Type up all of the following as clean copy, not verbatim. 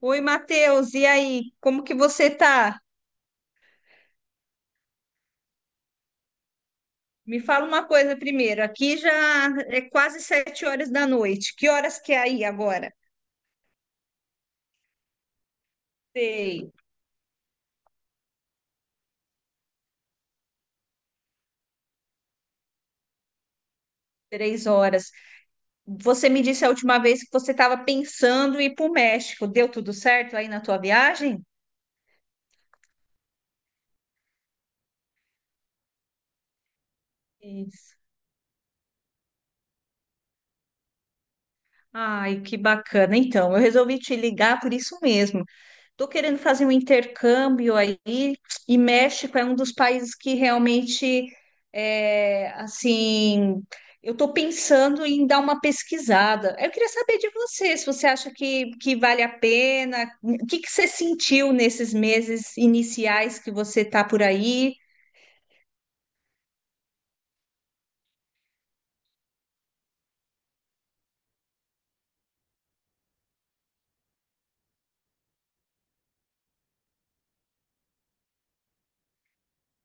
Oi, Matheus, e aí? Como que você tá? Me fala uma coisa primeiro. Aqui já é quase 7 horas da noite. Que horas que é aí agora? Sei, 3 horas. Você me disse a última vez que você estava pensando em ir para o México. Deu tudo certo aí na tua viagem? Isso. Ai, que bacana. Então, eu resolvi te ligar por isso mesmo. Estou querendo fazer um intercâmbio aí, e México é um dos países que realmente, é, assim, eu estou pensando em dar uma pesquisada. Eu queria saber de você, se você acha que vale a pena, o que, que você sentiu nesses meses iniciais que você está por aí?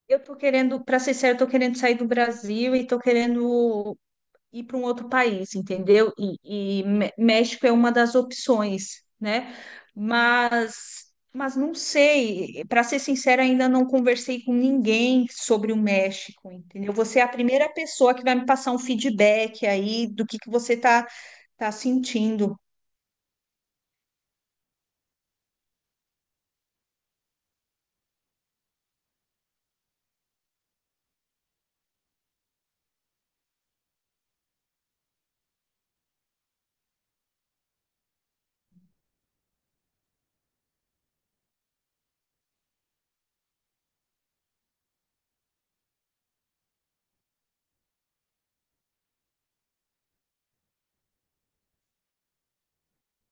Eu estou querendo, para ser sincero, estou querendo sair do Brasil e estou querendo ir para um outro país, entendeu? E México é uma das opções, né? Mas não sei, para ser sincera, ainda não conversei com ninguém sobre o México, entendeu? Você é a primeira pessoa que vai me passar um feedback aí do que você tá sentindo.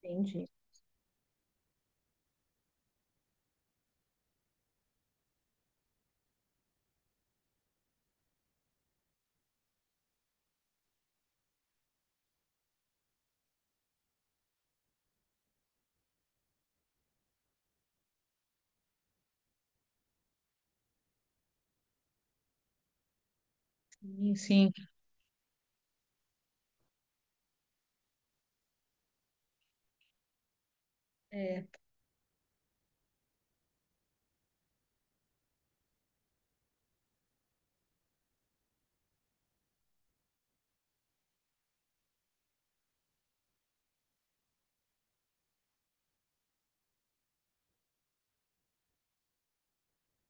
Entendi. Sim, sim. É.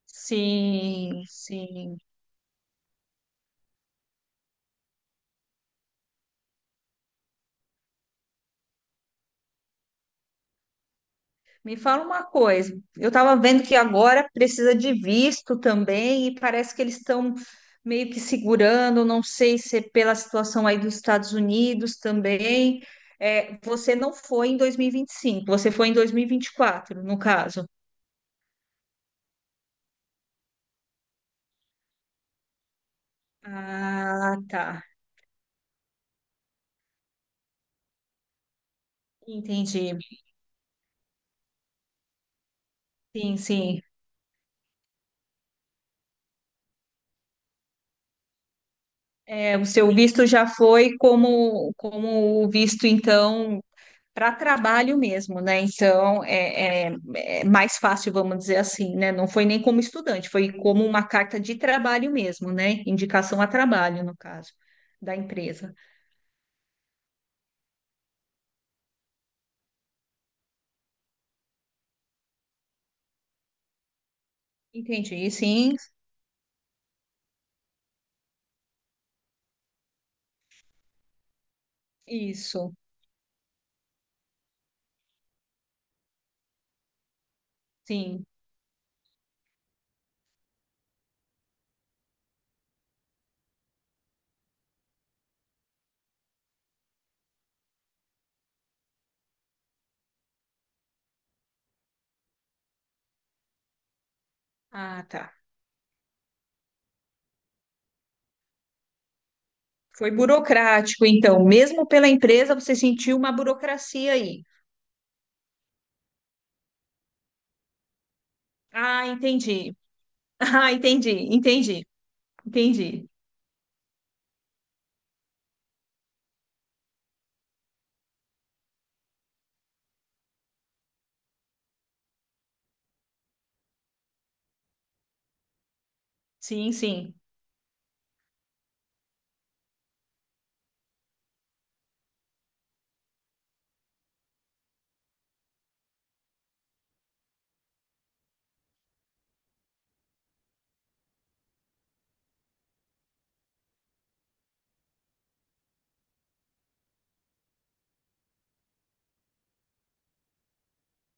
Sim, sim. Me fala uma coisa, eu estava vendo que agora precisa de visto também e parece que eles estão meio que segurando, não sei se é pela situação aí dos Estados Unidos também. É, você não foi em 2025, você foi em 2024, no caso. Ah, tá. Entendi. Sim, sim. É, o seu visto já foi como, como o visto, então. Para trabalho mesmo, né? Então é mais fácil, vamos dizer assim, né? Não foi nem como estudante, foi como uma carta de trabalho mesmo, né? Indicação a trabalho, no caso, da empresa. Entendi, sim, isso, sim. Ah, tá. Foi burocrático, então, mesmo pela empresa, você sentiu uma burocracia aí. Ah, entendi. Ah, entendi, entendi, entendi. Sim, sim,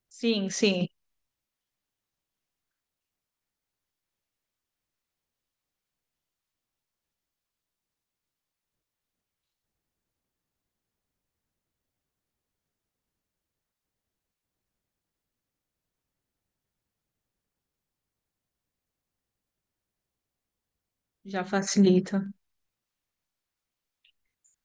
sim, sim. Já facilita.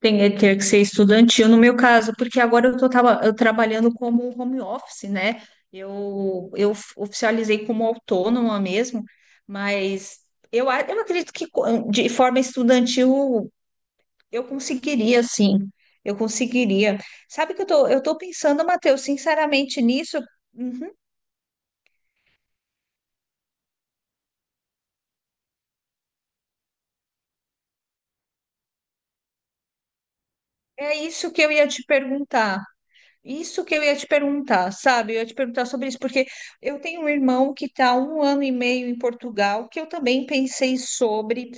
Ter que ser estudantil no meu caso, porque agora eu trabalhando como home office, né? Eu oficializei como autônoma mesmo, mas eu acredito que de forma estudantil eu conseguiria, sim. Eu conseguiria. Sabe que eu tô pensando, Matheus, sinceramente nisso. Uhum, é isso que eu ia te perguntar. Isso que eu ia te perguntar, sabe? Eu ia te perguntar sobre isso, porque eu tenho um irmão que está um ano e meio em Portugal, que eu também pensei sobre,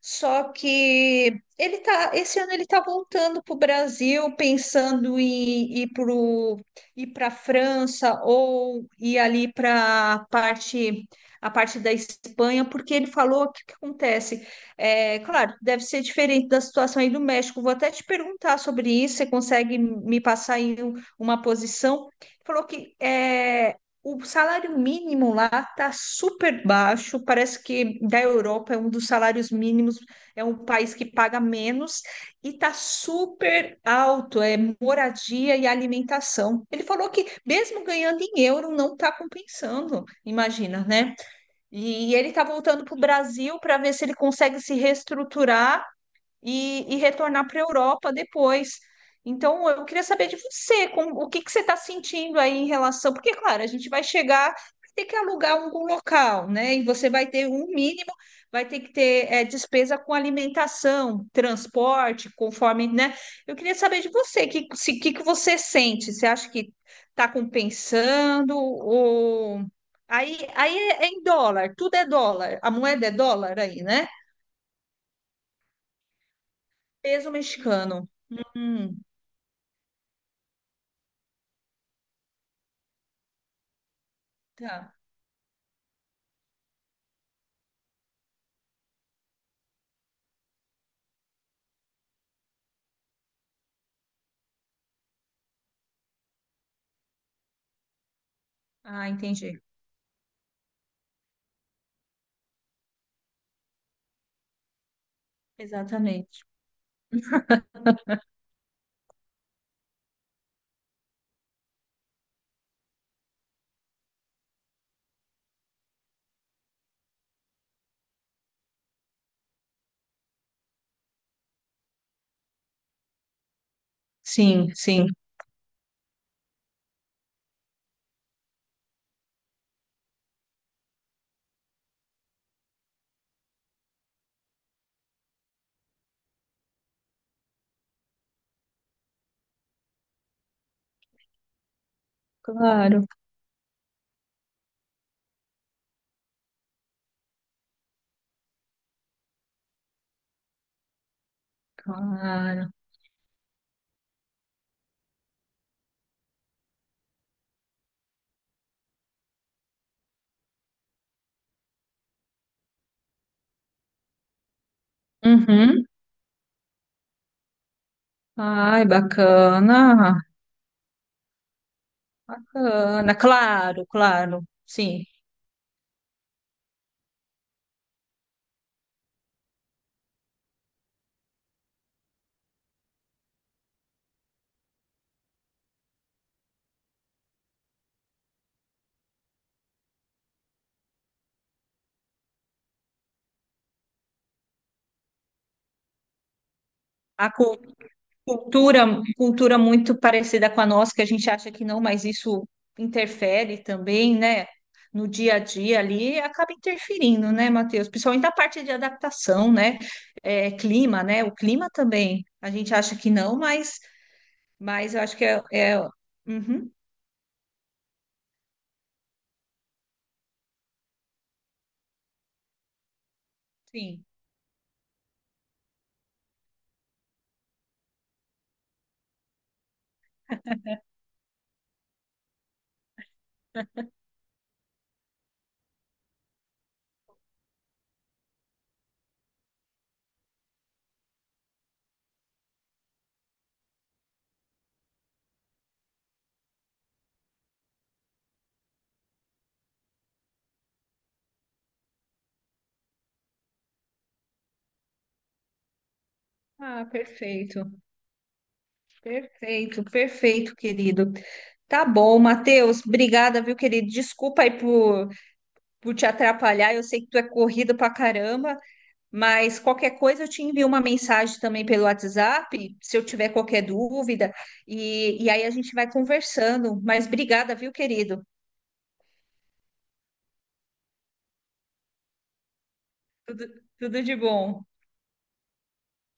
só que ele tá, esse ano ele está voltando para o Brasil, pensando em ir pro, ir para a França ou ir ali para a parte da Espanha, porque ele falou o que que acontece. É, claro, deve ser diferente da situação aí do México. Vou até te perguntar sobre isso. Você consegue me passar aí uma posição, falou que é, o salário mínimo lá está super baixo, parece que da Europa é um dos salários mínimos, é um país que paga menos e está super alto, é moradia e alimentação. Ele falou que mesmo ganhando em euro não está compensando, imagina, né? E ele está voltando para o Brasil para ver se ele consegue se reestruturar e retornar para a Europa depois. Então, eu queria saber de você, como, o que que você está sentindo aí em relação, porque, claro, a gente vai chegar, vai ter que alugar algum local, né? E você vai ter um mínimo, vai ter que ter despesa com alimentação, transporte, conforme, né? Eu queria saber de você, o que, se, que você sente? Você acha que está compensando ou... Aí é em dólar, tudo é dólar, a moeda é dólar aí, né? Peso mexicano. Hum. Tá. Ah, entendi. Exatamente. Sim, sim. Claro, claro. Uhum. Ai, bacana. Bacana. Claro, claro. Sim. A cultura, cultura muito parecida com a nossa, que a gente acha que não, mas isso interfere também, né? No dia a dia ali, acaba interferindo, né, Matheus? Principalmente a parte de adaptação, né? É, clima, né? O clima também. A gente acha que não, mas eu acho que é, é... Uhum. Sim. Ah, perfeito. Perfeito, perfeito, querido. Tá bom, Matheus. Obrigada, viu, querido? Desculpa aí por te atrapalhar. Eu sei que tu é corrido pra caramba, mas qualquer coisa eu te envio uma mensagem também pelo WhatsApp, se eu tiver qualquer dúvida. E aí a gente vai conversando. Mas obrigada, viu, querido? Tudo, tudo de bom.